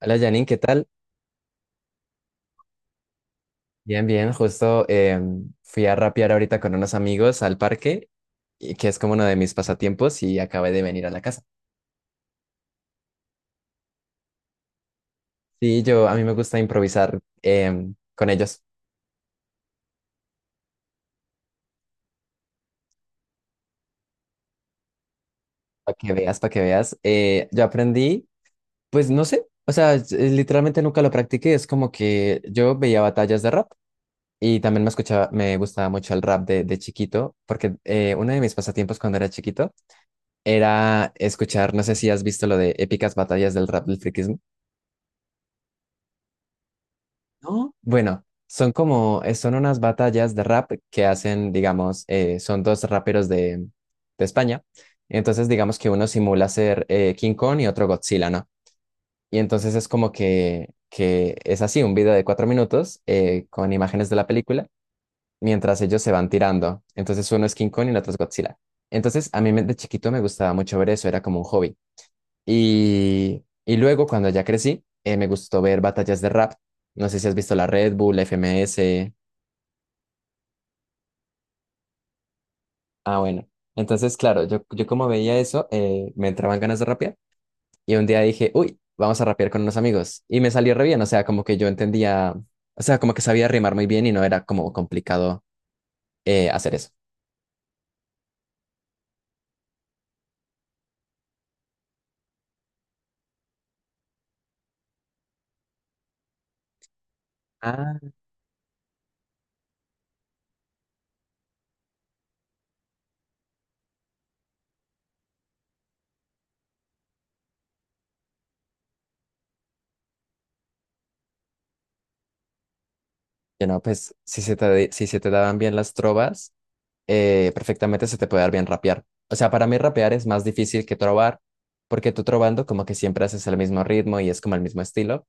Hola Janine, ¿qué tal? Bien, bien, justo fui a rapear ahorita con unos amigos al parque, y que es como uno de mis pasatiempos, y acabé de venir a la casa. Sí, yo, a mí me gusta improvisar con ellos, para que veas, para que veas. Yo aprendí, pues no sé, o sea, literalmente nunca lo practiqué, es como que yo veía batallas de rap y también me escuchaba, me gustaba mucho el rap de chiquito, porque uno de mis pasatiempos cuando era chiquito era escuchar, no sé si has visto lo de épicas batallas del rap del ¿no? Bueno, son como, son unas batallas de rap que hacen, digamos, son dos raperos de España. Entonces, digamos que uno simula ser King Kong y otro Godzilla, ¿no? Y entonces es como que es así, un video de cuatro minutos con imágenes de la película, mientras ellos se van tirando. Entonces uno es King Kong y el otro es Godzilla. Entonces, a mí me- de chiquito me gustaba mucho ver eso, era como un hobby. Y luego, cuando ya crecí, me gustó ver batallas de rap. No sé si has visto la Red Bull, la FMS. Ah, bueno. Entonces, claro, yo como veía eso, me entraban ganas de rapear. Y un día dije, uy, vamos a rapear con unos amigos. Y me salió re bien. O sea, como que yo entendía, o sea, como que sabía rimar muy bien y no era como complicado hacer eso. Ah. Y no, pues si se te, si se te daban bien las trovas, perfectamente se te puede dar bien rapear. O sea, para mí rapear es más difícil que trobar, porque tú trobando como que siempre haces el mismo ritmo y es como el mismo estilo.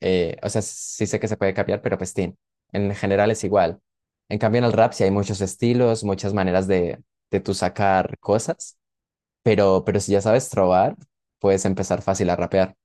O sea, sí sé que se puede cambiar, pero pues tin, en general es igual. En cambio, en el rap sí hay muchos estilos, muchas maneras de tú sacar cosas, pero si ya sabes trobar, puedes empezar fácil a rapear,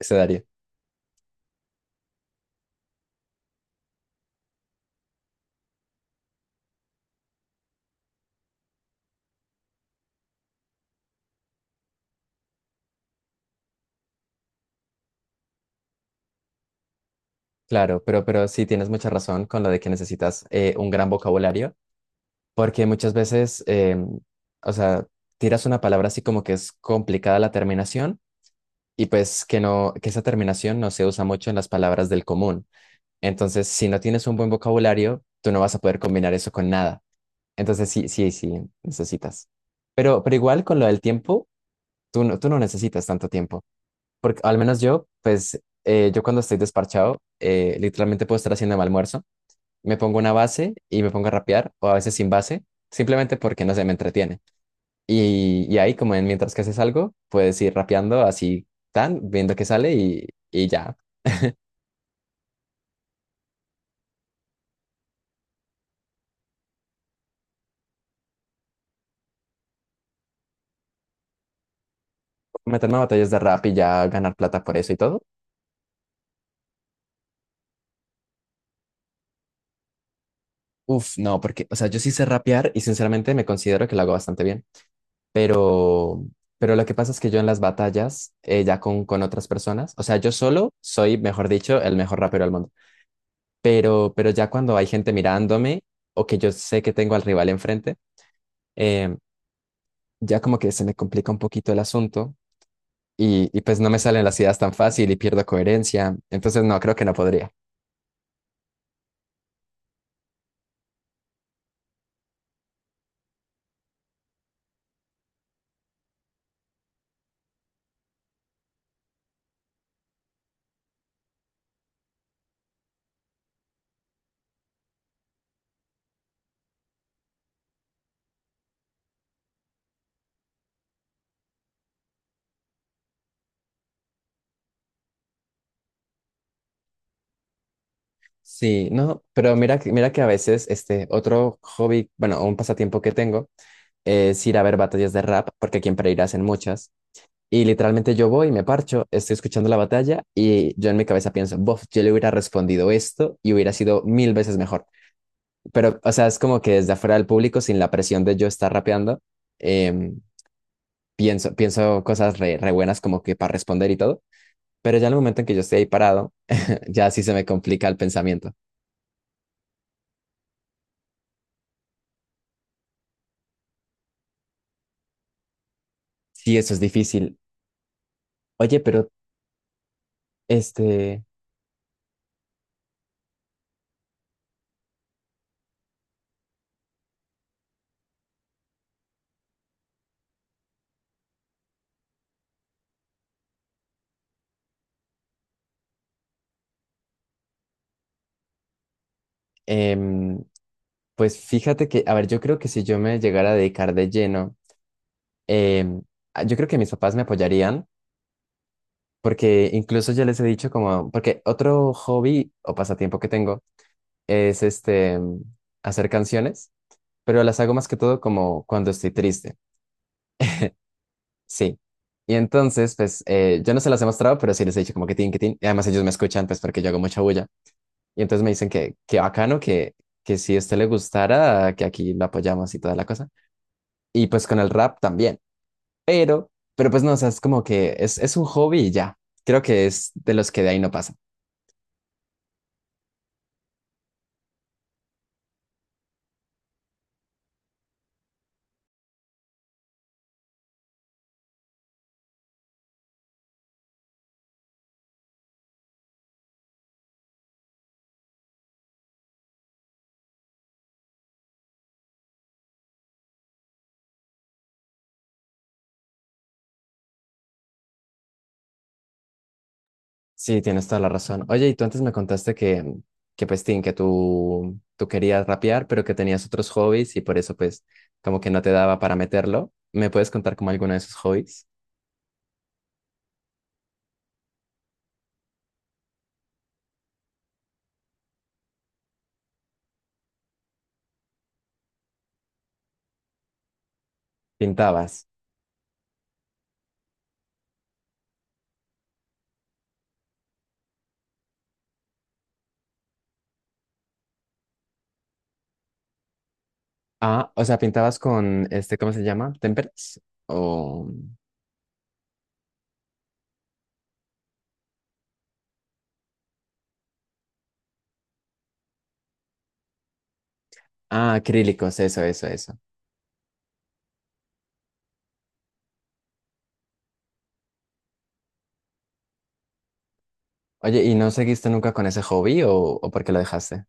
se daría. Claro, pero sí tienes mucha razón con lo de que necesitas un gran vocabulario. Porque muchas veces, o sea, tiras una palabra así como que es complicada la terminación y pues que no, que esa terminación no se usa mucho en las palabras del común. Entonces, si no tienes un buen vocabulario, tú no vas a poder combinar eso con nada. Entonces, sí, sí, sí, necesitas. Pero igual con lo del tiempo, tú no necesitas tanto tiempo. Porque al menos yo, pues, yo cuando estoy desparchado, literalmente puedo estar haciendo mi almuerzo, me pongo una base y me pongo a rapear, o a veces sin base, simplemente porque no se me entretiene. Y ahí, como en mientras que haces algo, puedes ir rapeando así, tan, viendo qué sale y ya. Meterme a batallas de rap y ya ganar plata por eso y todo. Uf, no, porque, o sea, yo sí sé rapear y sinceramente me considero que lo hago bastante bien. Pero, pero lo que pasa es que yo en las batallas, ya con otras personas, o sea, yo solo soy, mejor dicho, el mejor rapero del mundo. Pero ya cuando hay gente mirándome o que yo sé que tengo al rival enfrente, em, ya como que se me complica un poquito el asunto y pues no me salen las ideas tan fácil y pierdo coherencia. Entonces, no, creo que no podría. Sí, no, pero mira que a veces este otro hobby, bueno, un pasatiempo que tengo es ir a ver batallas de rap, porque aquí en Pereira hacen muchas. Y literalmente yo voy, me parcho, estoy escuchando la batalla y yo en mi cabeza pienso, bof, yo le hubiera respondido esto y hubiera sido mil veces mejor. Pero, o sea, es como que desde afuera del público, sin la presión de yo estar rapeando, em, pienso, pienso cosas re, re buenas como que para responder y todo. Pero ya en el momento en que yo estoy ahí parado, ya sí se me complica el pensamiento. Sí, eso es difícil. Oye, pero este, em, pues fíjate que, a ver, yo creo que si yo me llegara a dedicar de lleno, em, a- yo creo que mis papás me apoyarían, porque incluso ya les he dicho como, porque otro hobby o pasatiempo que tengo es hacer canciones, pero las hago más que todo como cuando estoy triste. Sí. Y entonces, pues, yo no se las he mostrado, pero sí les he dicho como que tin, que tin. Y además ellos me escuchan, pues, porque yo hago mucha bulla. Y entonces me dicen que bacano, que si a usted le gustara, que aquí lo apoyamos y toda la cosa. Y pues con el rap también. Pero, pero pues no, o sea, es como que es un hobby y ya. Creo que es de los que de ahí no pasa. Sí, tienes toda la razón. Oye, y tú antes me contaste que pues, tin, que tú querías rapear, pero que tenías otros hobbies y por eso, pues, como que no te daba para meterlo. ¿Me puedes contar como alguno de esos hobbies? Pintabas. Ah, o sea, pintabas con este, ¿cómo se llama? ¿Temperas? O. Ah, acrílicos, eso, eso, eso. Oye, ¿y no seguiste nunca con ese hobby o por qué lo dejaste?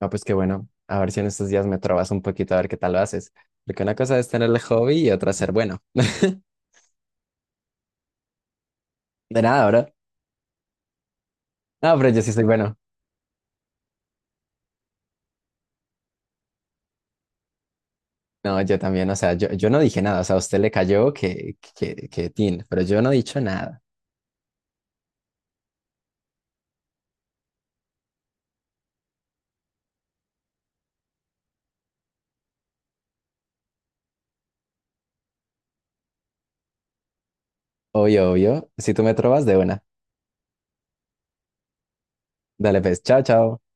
Ah, pues qué bueno. A ver si en estos días me trabas un poquito a ver qué tal lo haces. Porque una cosa es tener el hobby y otra ser bueno. De nada, bro. No, pero yo sí soy bueno. No, yo también, o sea, yo no dije nada. O sea, a usted le cayó que, tin, pero yo no he dicho nada. Obvio, obvio. Si tú me trobas de una. Dale, pues, chao, chao.